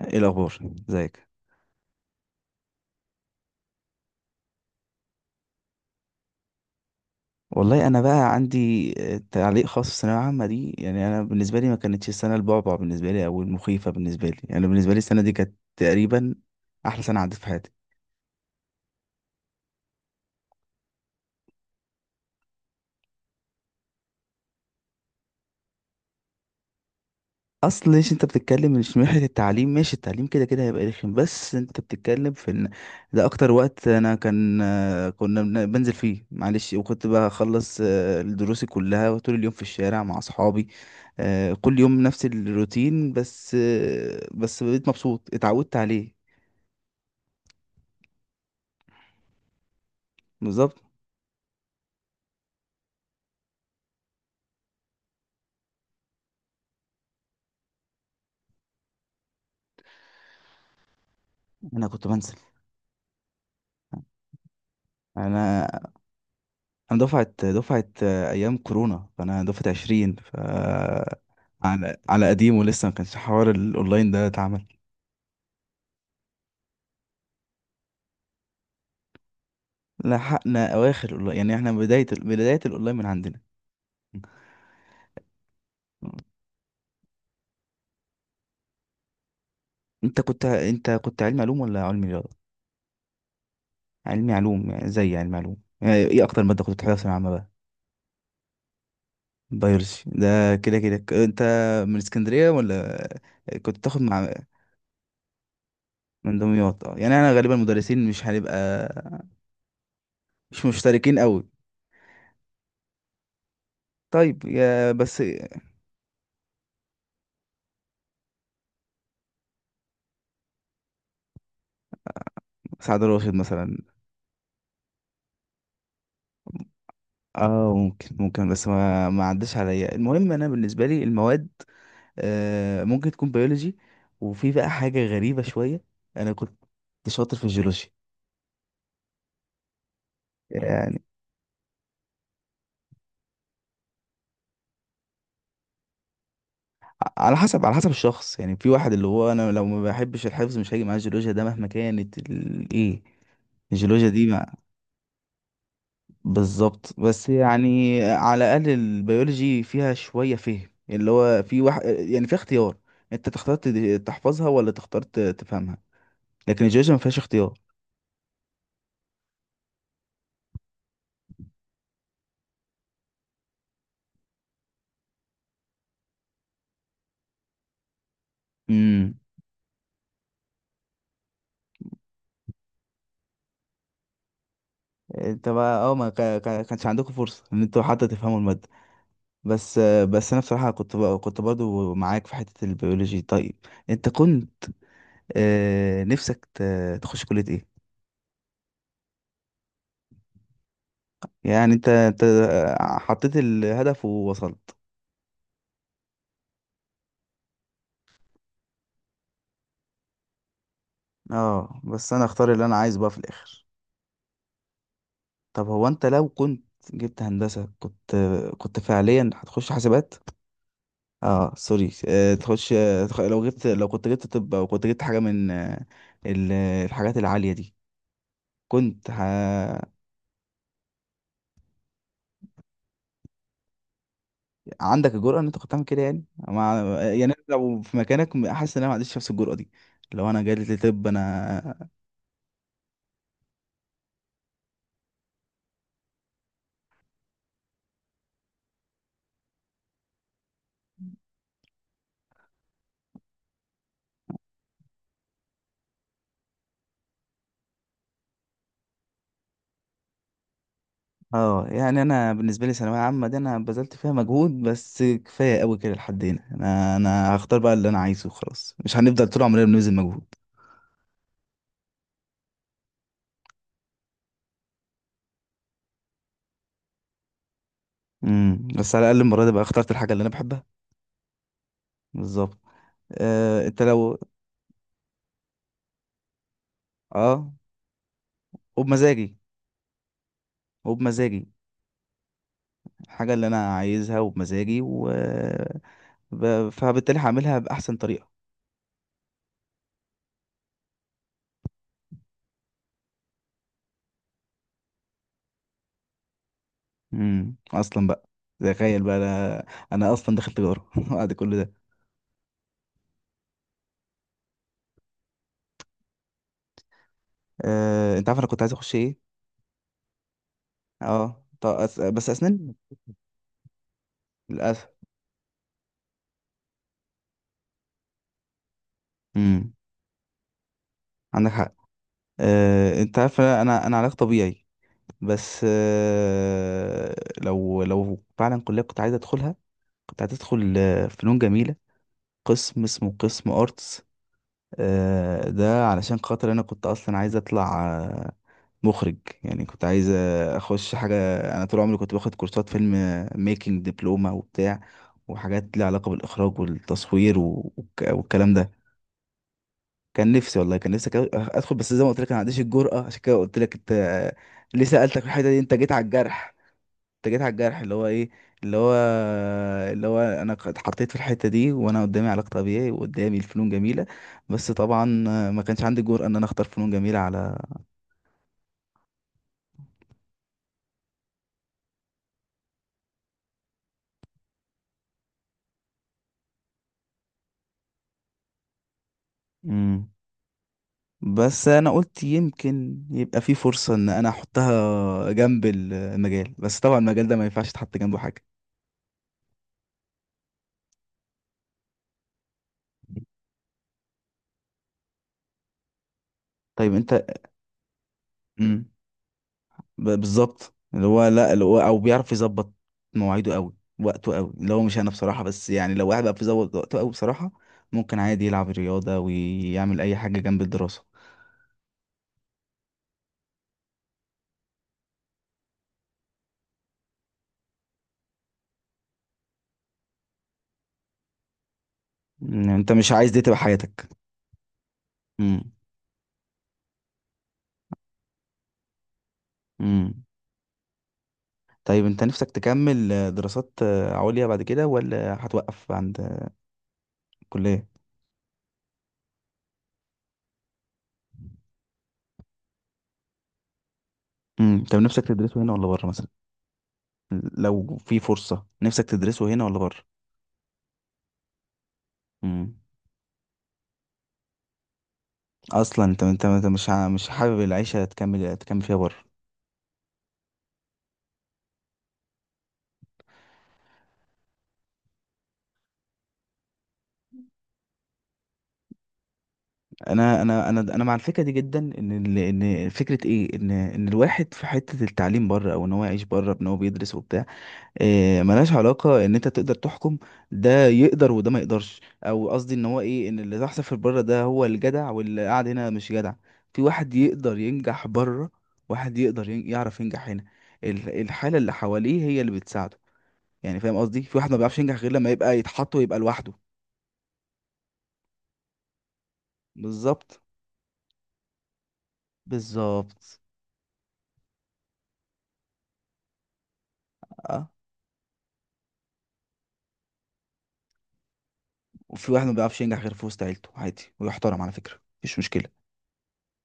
ايه الاخبار؟ ازيك؟ والله انا بقى عندي تعليق خاص في الثانويه العامه دي. يعني انا بالنسبه لي ما كانتش السنه البعبع بالنسبه لي او المخيفه بالنسبه لي، يعني بالنسبه لي السنه دي كانت تقريبا احلى سنه عدت في حياتي. اصل ليش انت بتتكلم؟ مش من ناحيه التعليم، ماشي، التعليم كده كده هيبقى رخم، بس انت بتتكلم في ان ده اكتر وقت انا كان كنا بنزل فيه، معلش، وكنت بخلص دروسي كلها طول اليوم في الشارع مع اصحابي. كل يوم نفس الروتين، بس بقيت مبسوط، اتعودت عليه. بالظبط. انا كنت بنزل. انا انا دفعه ايام كورونا، فانا دفعه 20، ف على قديم ولسه ما كانش حوار الاونلاين ده اتعمل. لحقنا اواخر يعني احنا بداية بداية الاونلاين من عندنا. انت كنت علمي علوم ولا علمي رياضة؟ علمي علوم، يعني زي علمي علوم. يعني ايه اكتر مادة كنت بتحبها في ثانوية عامة بقى؟ بيولوجي ده كده كده. انت من اسكندرية ولا كنت بتاخد مع؟ من دمياط؟ اه، يعني انا غالبا المدرسين مش هنبقى مش مشتركين قوي. طيب يا بس. سعد راشد مثلا. اه ممكن ممكن، بس ما عداش عليا. المهم انا بالنسبة لي المواد ممكن تكون بيولوجي. وفي بقى حاجة غريبة شوية، أنا كنت شاطر في الجيولوجيا. يعني على حسب، على حسب الشخص، يعني في واحد اللي هو أنا لو ما بحبش الحفظ مش هاجي معاه الجيولوجيا ده، مهما كانت إيه، الجيولوجيا دي ما... بالظبط. بس يعني على الأقل البيولوجي فيها شوية فهم، اللي هو في واحد يعني في اختيار. أنت تختار تحفظها ولا تختار تفهمها. لكن الجيولوجيا ما فيهاش اختيار. امم. انت بقى اه، ما كانش عندكم فرصة ان انتوا حتى تفهموا المادة؟ بس انا بصراحه كنت كنت برضو معاك في حته البيولوجي. طيب انت كنت نفسك تخش كليه ايه؟ يعني انت حطيت الهدف ووصلت؟ اه بس انا اختار اللي انا عايزه بقى في الاخر. طب هو انت لو كنت جبت هندسه كنت فعليا هتخش حاسبات؟ اه سوري، آه، تخش آه، تخ- لو جبت لو كنت جبت طب او كنت جبت حاجه من الحاجات العاليه دي كنت... عندك الجرأة ان انت كنت تعمل كده يعني مع... يعني أنا لو في مكانك حاسس ان انا ما عنديش نفس الجرأة دي. لو انا جالي طب انا... اه يعني انا بالنسبة لي ثانوية عامة دي انا بذلت فيها مجهود، بس كفاية قوي كده، لحد هنا انا هختار بقى اللي انا عايزه وخلاص، مش هنفضل طول عمرنا بنبذل مجهود. امم. بس على الاقل المرة دي بقى اخترت الحاجة اللي انا بحبها. بالظبط. انت لو... اه، وبمزاجي. وبمزاجي الحاجة اللي انا عايزها، وبمزاجي و... ب... فبالتالي هعملها بأحسن طريقة. امم. اصلا بقى، تخيل بقى انا اصلا دخلت تجاره بعد كل ده. انت عارف انا كنت عايز اخش ايه؟ اه، طب بس اسنان، للاسف. امم. عندك حق. انت عارف انا علاج طبيعي، بس لو فعلا كليه كنت عايز ادخلها، كنت عايز ادخل فنون جميله، قسم اسمه قسم ارتس. ده علشان خاطر انا كنت اصلا عايز اطلع مخرج. يعني كنت عايز اخش حاجه. انا طول عمري كنت باخد كورسات فيلم ميكنج، دبلومه وبتاع، وحاجات ليها علاقه بالاخراج والتصوير والكلام ده. كان نفسي، والله كان نفسي ادخل، بس زي ما قلت لك انا ما عنديش الجرأه. عشان كده قلت لك، انت ليه سألتك في الحته دي، انت جيت على الجرح. انت جيت على الجرح اللي هو ايه، اللي هو اللي هو انا اتحطيت في الحته دي وانا قدامي علاج طبيعي وقدامي الفنون جميله. بس طبعا ما كانش عندي الجرأه ان انا اختار فنون جميله على... مم. بس انا قلت يمكن يبقى في فرصة ان انا احطها جنب المجال، بس طبعا المجال ده ما ينفعش تحط جنبه حاجة. طيب انت... امم، بالظبط. اللي هو لا، اللي هو او بيعرف يظبط مواعيده قوي، وقته قوي، اللي هو مش انا بصراحة. بس يعني لو واحد بقى بيظبط وقته قوي بصراحة ممكن عادي يلعب رياضة ويعمل اي حاجة جنب الدراسة. مم، انت مش عايز دي تبقى حياتك. امم. امم. طيب انت نفسك تكمل دراسات عليا بعد كده ولا هتوقف عند الكلية؟ امم. طب نفسك تدرسه هنا ولا بره مثلا؟ لو في فرصة نفسك تدرسه هنا ولا بره؟ امم. اصلا انت مش مش حابب العيشة تكمل فيها بره. انا مع الفكرة دي جدا، ان ان فكرة ايه، ان الواحد في حتة التعليم بره او ان هو يعيش بره بان هو بيدرس وبتاع ملهاش علاقة ان انت تقدر تحكم ده يقدر وده ما يقدرش، او قصدي ان هو ايه، ان اللي تحصل في بره ده هو الجدع واللي قاعد هنا مش جدع. في واحد يقدر ينجح بره، واحد يقدر يعرف ينجح هنا. الحالة اللي حواليه هي اللي بتساعده. يعني فاهم قصدي، في واحد ما بيعرفش ينجح غير لما يبقى يتحط ويبقى لوحده. بالظبط. بالظبط. اه، وفي واحد ما بيعرفش ينجح غير في وسط عيلته عادي، ويحترم، على فكرة، مفيش مشكلة.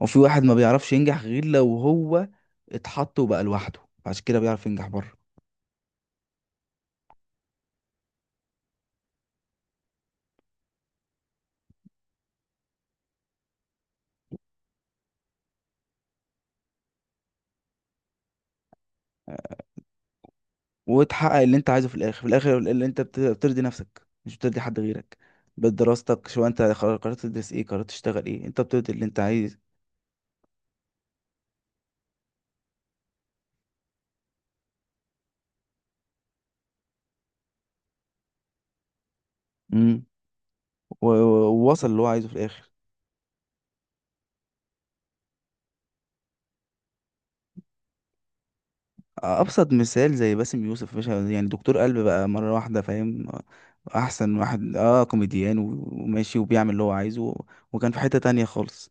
وفي واحد ما بيعرفش ينجح غير لو هو اتحط وبقى لوحده، عشان كده بيعرف ينجح بره. وتحقق اللي انت عايزه في الاخر، في الاخر اللي انت بترضي نفسك مش بترضي حد غيرك. بدراستك، شو انت قررت تدرس ايه، قررت تشتغل ايه، انت بترضي اللي انت عايز. امم. ووصل اللي هو عايزه في الاخر. ابسط مثال زي باسم يوسف باشا، يعني دكتور قلب بقى مره واحده، فاهم، احسن واحد، اه، كوميديان وماشي وبيعمل اللي هو عايزه، وكان في حته تانية خالص.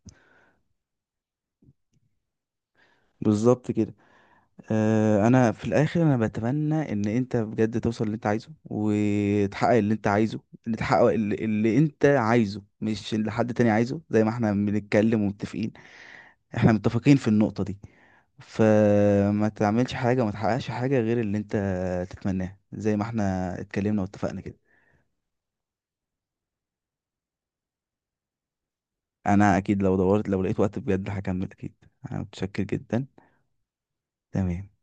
بالظبط كده. انا في الاخر انا بتمنى ان انت بجد توصل اللي انت عايزه وتحقق اللي انت عايزه، اللي تحقق اللي انت عايزه مش اللي حد تاني عايزه، زي ما احنا بنتكلم ومتفقين، احنا متفقين في النقطة دي. فما تعملش حاجة وما تحققش حاجة غير اللي انت تتمناه، زي ما احنا اتكلمنا واتفقنا كده. انا اكيد لو دورت، لو لقيت وقت بجد هكمل اكيد. انا متشكر جدا. تمام.